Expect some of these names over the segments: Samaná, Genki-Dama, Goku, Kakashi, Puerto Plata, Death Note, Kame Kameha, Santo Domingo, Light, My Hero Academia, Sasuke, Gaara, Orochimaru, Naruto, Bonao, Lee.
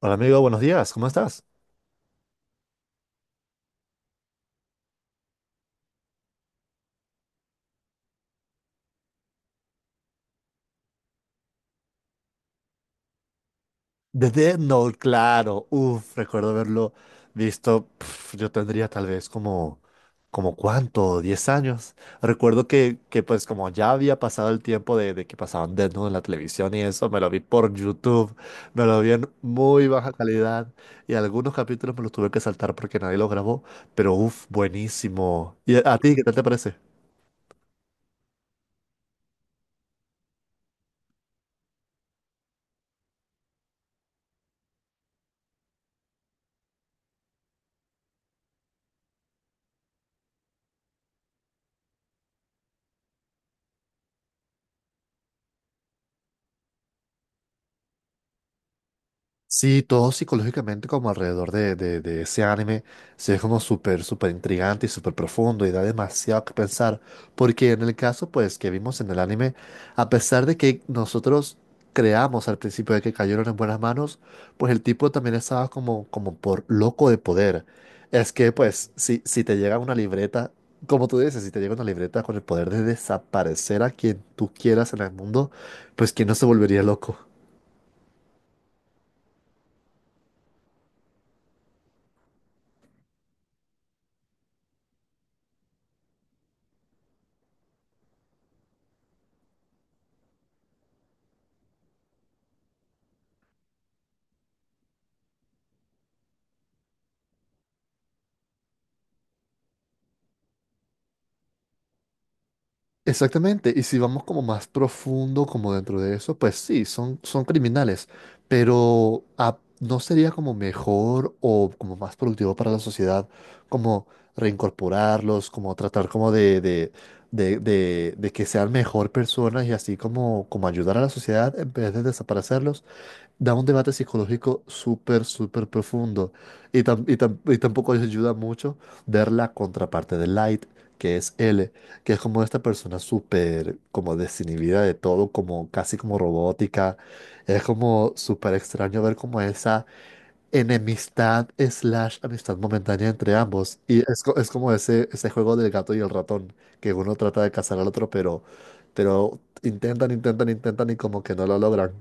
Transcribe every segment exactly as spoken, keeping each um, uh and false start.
Hola amigo, buenos días, ¿cómo estás? The Death Note, claro. Uf, recuerdo haberlo visto. Pf, yo tendría tal vez como, como cuánto, diez años. Recuerdo que, que pues como ya había pasado el tiempo de, de que pasaban Death Note en la televisión y eso, me lo vi por YouTube, me lo vi en muy baja calidad y algunos capítulos me los tuve que saltar porque nadie los grabó, pero uf, buenísimo. ¿Y a a ti qué tal te parece? Sí, todo psicológicamente como alrededor de, de- de ese anime, sí es como súper, súper intrigante y súper profundo y da demasiado que pensar, porque en el caso pues que vimos en el anime, a pesar de que nosotros creamos al principio de que cayeron en buenas manos, pues el tipo también estaba como, como por loco de poder. Es que pues si, si te llega una libreta, como tú dices, si te llega una libreta con el poder de desaparecer a quien tú quieras en el mundo, pues ¿quién no se volvería loco? Exactamente, y si vamos como más profundo, como dentro de eso, pues sí, son, son criminales, pero ah, ¿no sería como mejor o como más productivo para la sociedad como reincorporarlos, como tratar como de, de, de, de, de que sean mejor personas y así como, como ayudar a la sociedad en vez de desaparecerlos? Da un debate psicológico súper, súper profundo. Y, tam- y tam- y tampoco les ayuda mucho ver la contraparte de Light, que es L, que es como esta persona súper, como desinhibida de todo, como casi como robótica. Es como súper extraño ver como esa enemistad slash amistad momentánea entre ambos. Y es, co- es como ese, ese juego del gato y el ratón, que uno trata de cazar al otro, pero, pero intentan, intentan, intentan y como que no lo logran.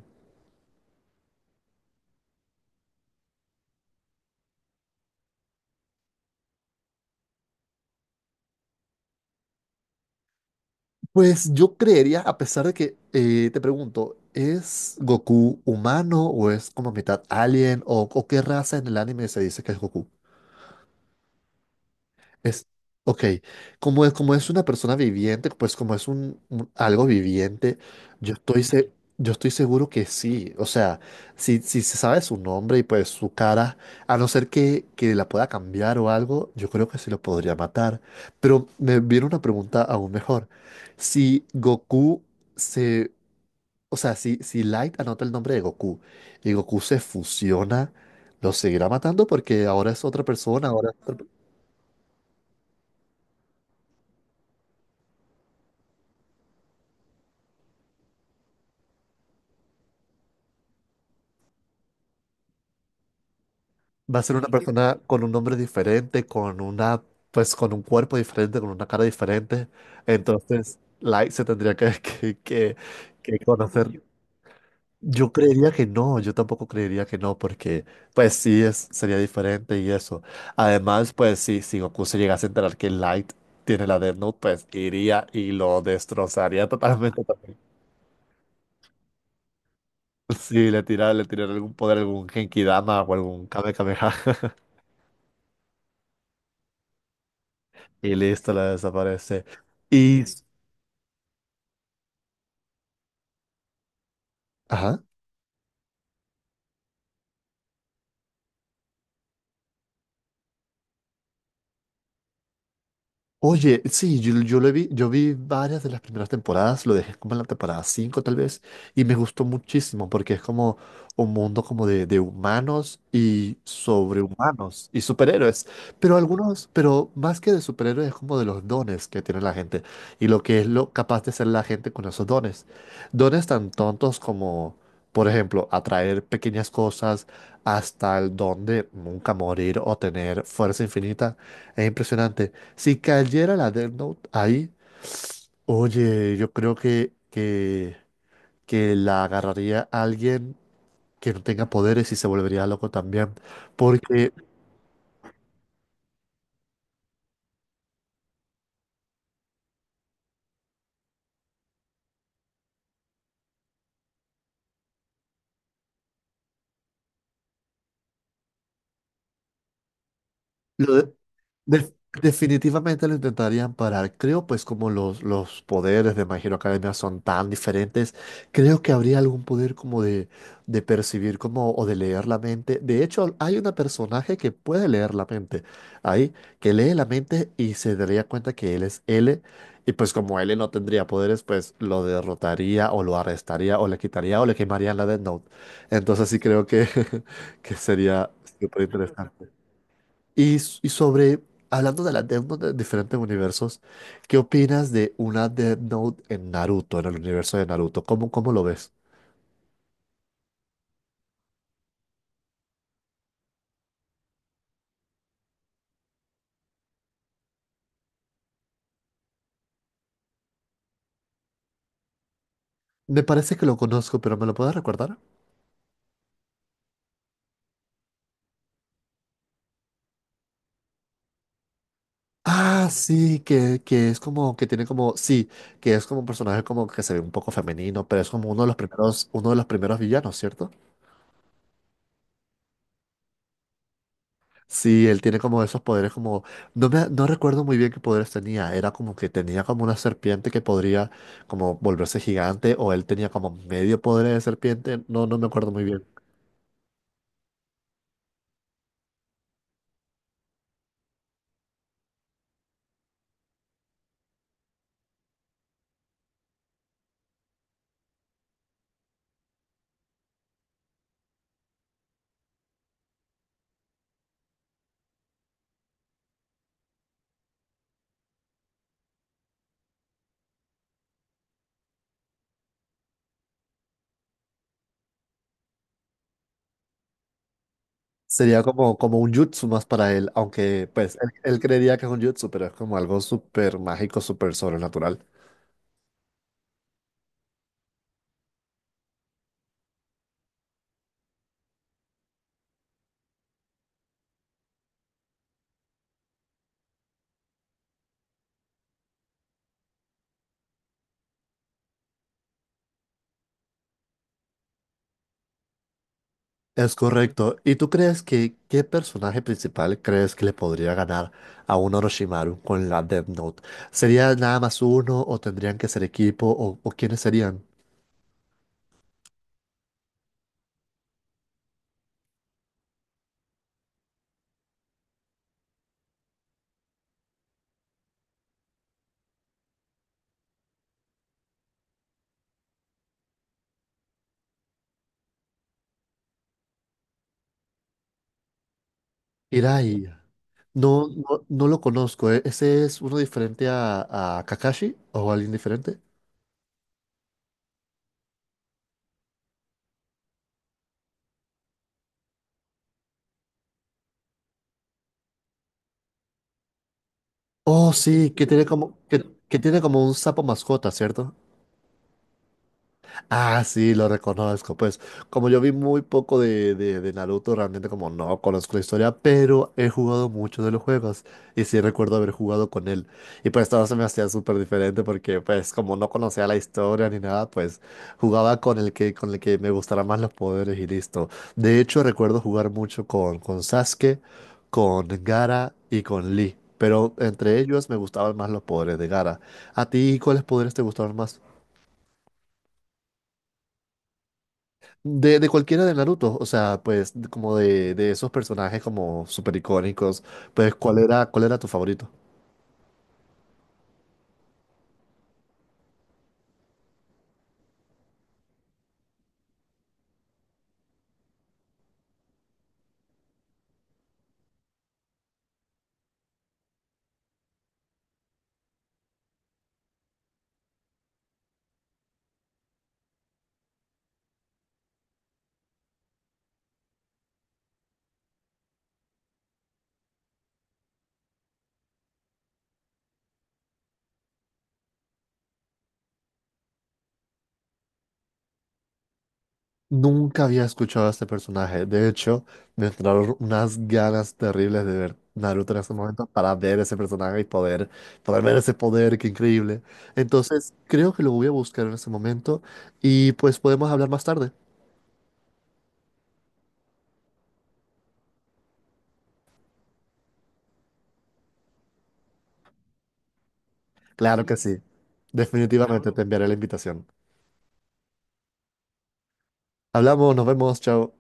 Pues yo creería, a pesar de que eh, te pregunto, ¿es Goku humano o es como mitad alien o, o qué raza en el anime se dice que es Goku? Es, ok, como es, como es una persona viviente, pues como es un, un- algo viviente, yo estoy, se- yo estoy seguro que sí. O sea, si, si se sabe su nombre y pues su cara, a no ser que, que la pueda cambiar o algo, yo creo que sí lo podría matar. Pero me viene una pregunta aún mejor. Si Goku se… O sea, si, si Light anota el nombre de Goku y Goku se fusiona, ¿lo seguirá matando? Porque ahora es otra persona, ahora… Va a ser una persona con un nombre diferente, con una, pues con un cuerpo diferente, con una cara diferente. Entonces, Light se tendría que, que, que- que conocer. Yo creería que no, yo tampoco creería que no, porque pues sí es, sería diferente y eso. Además, pues sí, si Goku se llegase a enterar que Light tiene la Death Note, pues iría y lo destrozaría totalmente también. Sí, le tira, le tiraría algún poder, algún Genki-Dama o algún Kame Kameha y listo, la desaparece. Y sí. Ajá. Oye, sí, yo, yo lo vi, yo vi varias de las primeras temporadas, lo dejé como en la temporada cinco tal vez, y me gustó muchísimo porque es como un mundo como de, de humanos y sobrehumanos y superhéroes, pero algunos, pero más que de superhéroes es como de los dones que tiene la gente y lo que es lo capaz de ser la gente con esos dones. Dones tan tontos como… Por ejemplo, atraer pequeñas cosas hasta el don de nunca morir o tener fuerza infinita es impresionante. Si cayera la Death Note ahí, oye, yo creo que, que, que la agarraría alguien que no tenga poderes y se volvería loco también. Porque lo de- Def- definitivamente lo intentarían parar. Creo, pues, como los, los poderes de My Hero Academia son tan diferentes, creo que habría algún poder como de, de percibir como, o de leer la mente. De hecho, hay una personaje que puede leer la mente ahí, que lee la mente y se daría cuenta que él es L. Y pues como L no tendría poderes, pues lo derrotaría o lo arrestaría o le quitaría o le quemarían la Death Note. Entonces sí creo que, que sería súper interesante. Y, s- y sobre, hablando de las Death Note de diferentes universos, ¿qué opinas de una Death Note en Naruto, en el universo de Naruto? ¿Cómo, cómo lo ves? Me parece que lo conozco, pero ¿me lo puedes recordar? Ah, sí, que, que es como, que tiene como, sí, que es como un personaje como que se ve un poco femenino, pero es como uno de los primeros, uno de los primeros villanos, ¿cierto? Sí, él tiene como esos poderes como… No me, no recuerdo muy bien qué poderes tenía. Era como que tenía como una serpiente que podría como volverse gigante o él tenía como medio poder de serpiente. No, no me acuerdo muy bien. Sería como, como un jutsu más para él, aunque pues él, él creería que es un jutsu, pero es como algo súper mágico, súper sobrenatural. Es correcto. ¿Y tú crees que qué personaje principal crees que le podría ganar a un Orochimaru con la Death Note? ¿Sería nada más uno o tendrían que ser equipo o, o quiénes serían? Hirai. No, no, no lo conozco. ¿Eh? ¿Ese es uno diferente a, a Kakashi o alguien diferente? Oh, sí, que tiene como, que, que tiene como un sapo mascota, ¿cierto? Ah, sí, lo reconozco. Pues como yo vi muy poco de, de, de Naruto, realmente como no conozco la historia, pero he jugado mucho de los juegos y sí recuerdo haber jugado con él. Y pues todo se me hacía súper diferente porque pues como no conocía la historia ni nada, pues jugaba con el que, con el que me gustara más los poderes y listo. De hecho, recuerdo jugar mucho con, con Sasuke, con Gaara y con Lee, pero entre ellos me gustaban más los poderes de Gaara. ¿A ti cuáles poderes te gustaban más? De, de cualquiera de Naruto, o sea, pues de- como de, de esos personajes como súper icónicos, pues ¿cuál era, cuál era tu favorito? Nunca había escuchado a este personaje, de hecho, me entraron unas ganas terribles de ver Naruto en ese momento para ver ese personaje y poder, poder ver ese poder, qué increíble. Entonces, creo que lo voy a buscar en ese momento y pues podemos hablar más tarde. Claro que sí, definitivamente claro, te enviaré la invitación. Hablamos, nos vemos, chao.